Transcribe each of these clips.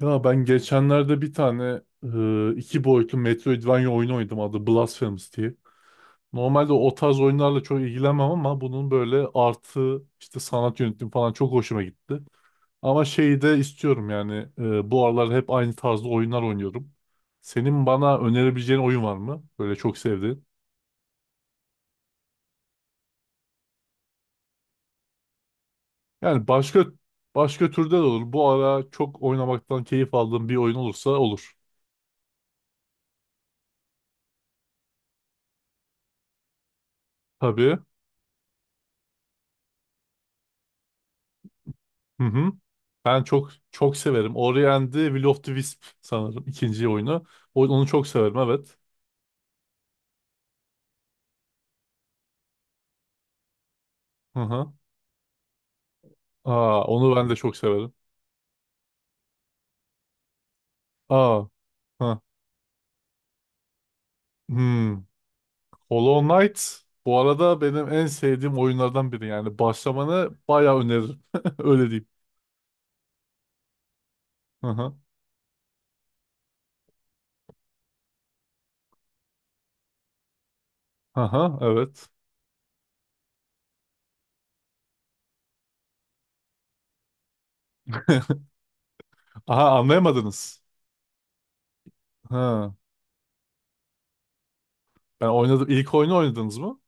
Ya ben geçenlerde bir tane iki boyutlu Metroidvania oyunu oynadım adı Blasphemous diye. Normalde o tarz oyunlarla çok ilgilenmem ama bunun böyle artı işte sanat yönetimi falan çok hoşuma gitti. Ama şeyi de istiyorum yani bu aralar hep aynı tarzda oyunlar oynuyorum. Senin bana önerebileceğin oyun var mı? Böyle çok sevdiğin. Yani başka türde de olur. Bu ara çok oynamaktan keyif aldığım bir oyun olursa olur. Tabii. Hı hı. Ben çok çok severim. Ori and the Will of the Wisp sanırım ikinci oyunu. Onu çok severim, evet. Hı hı. Aa, onu ben de çok severim. Aa, hı. Hmm. Hollow Knight bu arada benim en sevdiğim oyunlardan biri yani. Başlamanı bayağı öneririm. Öyle diyeyim. Hı hı. Hı, evet. Aha, anlayamadınız. Hı. Ben oynadım. İlk oyunu oynadınız mı?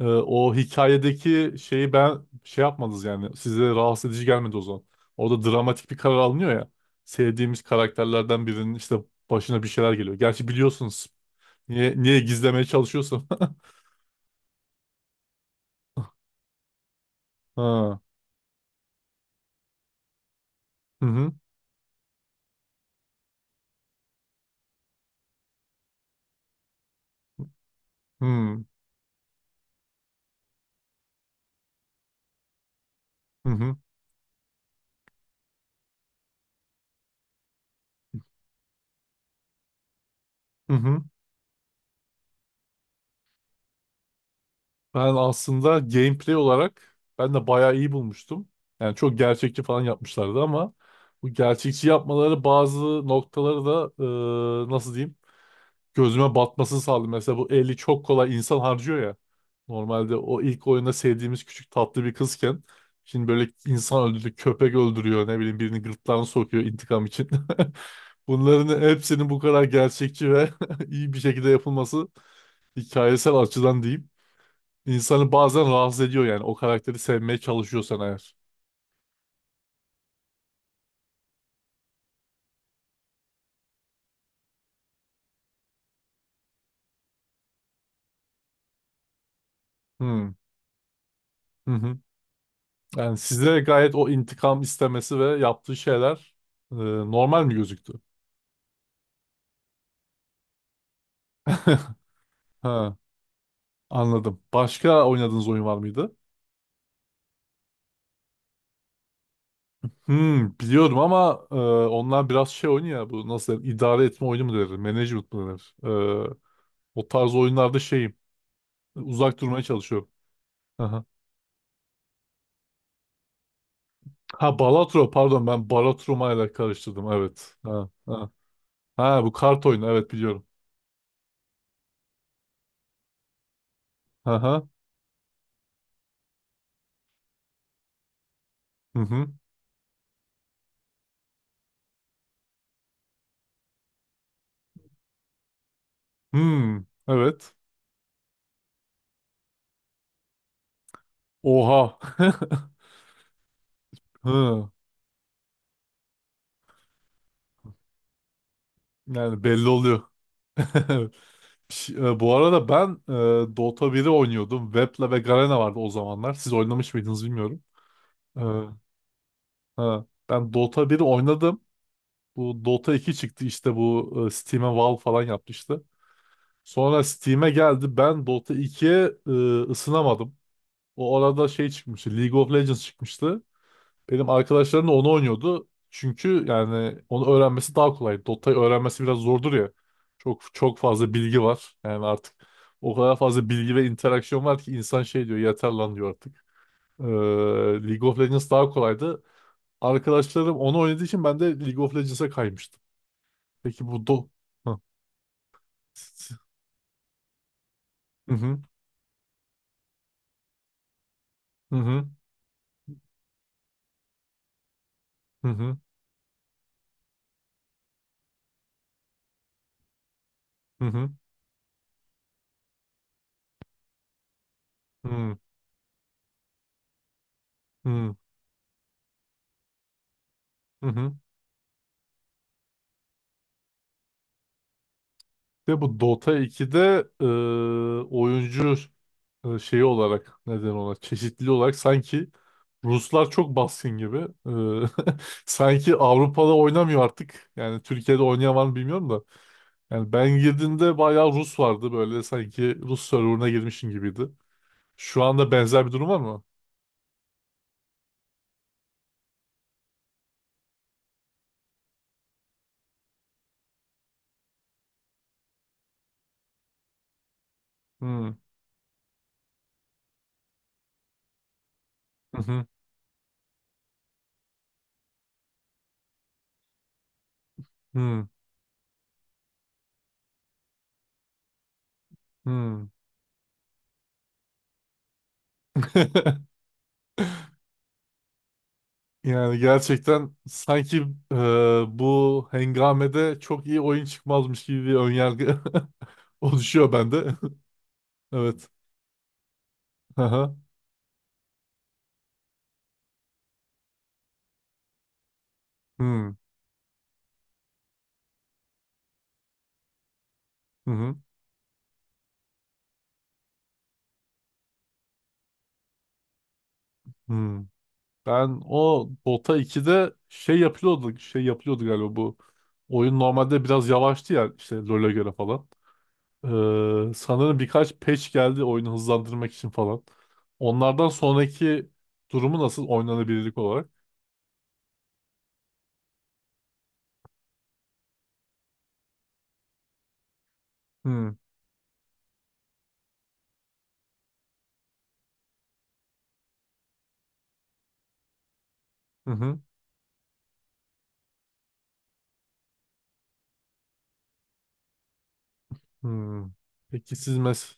O hikayedeki şeyi ben şey yapmadınız yani. Size rahatsız edici gelmedi o zaman. Orada dramatik bir karar alınıyor ya. Sevdiğimiz karakterlerden birinin işte başına bir şeyler geliyor. Gerçi biliyorsunuz. Niye gizlemeye çalışıyorsun? Ha. Hı hı. Hı hı. Hı hı. Ben aslında gameplay olarak ben de bayağı iyi bulmuştum. Yani çok gerçekçi falan yapmışlardı ama bu gerçekçi yapmaları bazı noktaları da nasıl diyeyim? Gözüme batmasını sağladı. Mesela bu eli çok kolay insan harcıyor ya. Normalde o ilk oyunda sevdiğimiz küçük tatlı bir kızken şimdi böyle insan öldürdü, köpek öldürüyor, ne bileyim birini gırtlağına sokuyor intikam için. Bunların hepsinin bu kadar gerçekçi ve iyi bir şekilde yapılması hikayesel açıdan diyeyim. İnsanı bazen rahatsız ediyor yani o karakteri sevmeye çalışıyorsan eğer. Hmm. Hı hı. Yani size gayet o intikam istemesi ve yaptığı şeyler normal mi gözüktü? Ha. Anladım. Başka oynadığınız oyun var mıydı? Hmm, biliyorum ama onlar biraz şey oyunu ya, bu nasıl denir? İdare etme oyunu mu denir? Management mı denir? E, o tarz oyunlarda şeyim. Uzak durmaya çalışıyorum. Aha. Ha, Balatro, pardon, ben Balatroma ile karıştırdım, evet. Ha, ha. Ha, bu kart oyunu, evet biliyorum. Aha. Hı hı. Hmm, evet. Oha. Hı. Yani belli oluyor. Bu arada ben Dota biri oynuyordum. Vepla ve Garena vardı o zamanlar. Siz oynamış mıydınız bilmiyorum. E, ha, ben Dota biri oynadım. Bu Dota iki çıktı işte, bu Steam'e Valve falan yapmıştı. Sonra Steam'e geldi. Ben Dota ikiye ısınamadım. O arada şey çıkmıştı. League of Legends çıkmıştı. Benim arkadaşlarım da onu oynuyordu. Çünkü yani onu öğrenmesi daha kolay. Dota'yı öğrenmesi biraz zordur ya. Çok çok fazla bilgi var. Yani artık o kadar fazla bilgi ve interaksiyon var ki insan şey diyor, yeter lan diyor artık. Ee, League of Legends daha kolaydı. Arkadaşlarım onu oynadığı için ben de League of Legends'a kaymıştım. Peki bu do... Hı hı hı hı hı hı hı hı hı hı. Hı. Ve bu Dota 2'de oyuncu şeyi olarak neden ona çeşitli olarak sanki Ruslar çok baskın gibi. E, Sanki Avrupa'da oynamıyor artık. Yani Türkiye'de oynayan var mı bilmiyorum da. Yani ben girdiğimde bayağı Rus vardı, böyle sanki Rus serverına girmişim gibiydi. Şu anda benzer bir durum var mı? Hmm. Hı hı. Hmm. Hmm. Yani gerçekten sanki e, bu hengamede çok iyi oyun çıkmazmış gibi bir önyargı oluşuyor bende. Evet. Aha. Hmm. Hı hı. Hı. Ben o Dota 2'de şey yapılıyordu, şey yapılıyordu galiba bu. Oyun normalde biraz yavaştı ya işte LoL'e göre falan. Sanırım birkaç patch geldi oyunu hızlandırmak için falan. Onlardan sonraki durumu nasıl oynanabilirlik olarak? Hı hı hı. Hı. Peki siz mes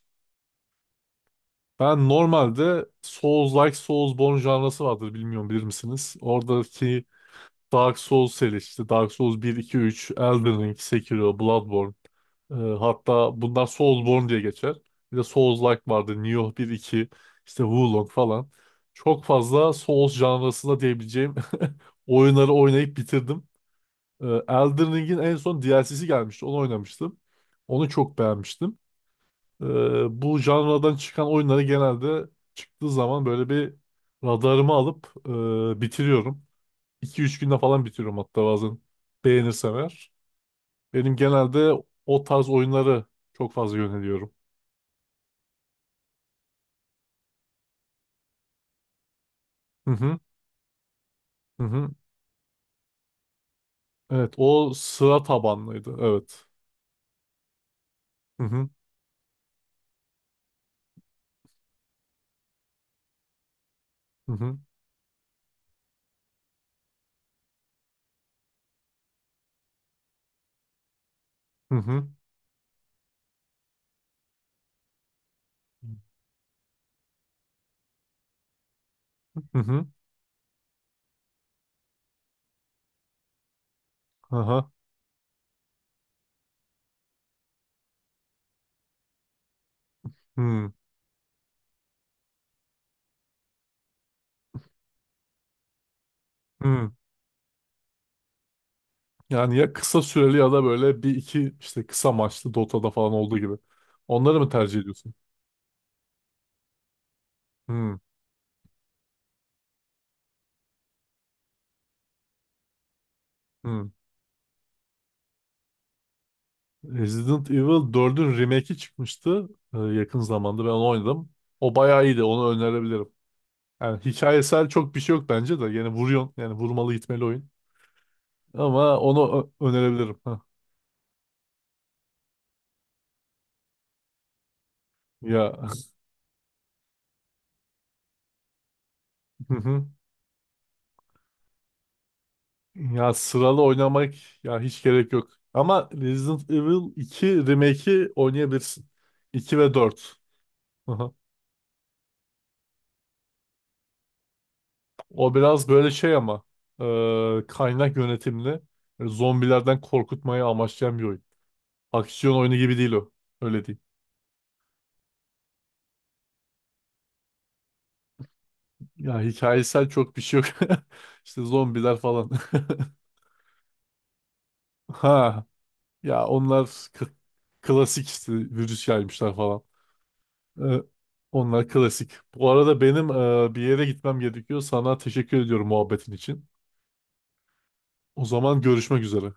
ben normalde Souls-like, Soulsborne janrası vardır, bilmiyorum, bilir misiniz? Oradaki Dark Souls serisi işte, Dark Souls bir 2 üç, Elden Ring, Sekiro, Bloodborne. Hatta bunlar Soulsborne diye geçer. Bir de Souls-like vardı. Nioh bir iki. İşte Wulong falan. Çok fazla Souls janrasında diyebileceğim oyunları oynayıp bitirdim. Elden Ring'in en son DLC'si gelmişti. Onu oynamıştım. Onu çok beğenmiştim. Ee, bu janradan çıkan oyunları genelde çıktığı zaman böyle bir radarımı alıp bitiriyorum. 2 üç günde falan bitiriyorum hatta bazen, beğenirsem eğer. Benim genelde o tarz oyunları çok fazla yöneliyorum. Hı hı. Hı hı. Evet, o sıra tabanlıydı. Evet. Hı hı. Hı hı. Hı hı. Hı hı. Aha. Hı. Hı. Yani ya kısa süreli ya da böyle bir iki işte kısa maçlı Dota'da falan olduğu gibi. Onları mı tercih ediyorsun? Hı. Hı. Resident Evil dördün remake'i çıkmıştı, yakın zamanda ben onu oynadım. O bayağı iyiydi. Onu önerebilirim. Yani hikayesel çok bir şey yok bence de. Yani vuruyorsun. Yani vurmalı gitmeli oyun. Ama onu önerebilirim. Ha. Ya. Hı hı. Ya sıralı oynamak ya hiç gerek yok. Ama Resident Evil 2 remake'i oynayabilirsin. İki ve dört. Hı hı. O biraz böyle şey ama kaynak yönetimli. Böyle zombilerden korkutmayı amaçlayan bir oyun. Aksiyon oyunu gibi değil o. Öyle değil. Ya hikayesel çok bir şey yok. İşte zombiler falan. Ha, ya onlar klasik işte, virüs yaymışlar falan. Ee, Onlar klasik. Bu arada benim bir yere gitmem gerekiyor. Sana teşekkür ediyorum muhabbetin için. O zaman görüşmek üzere.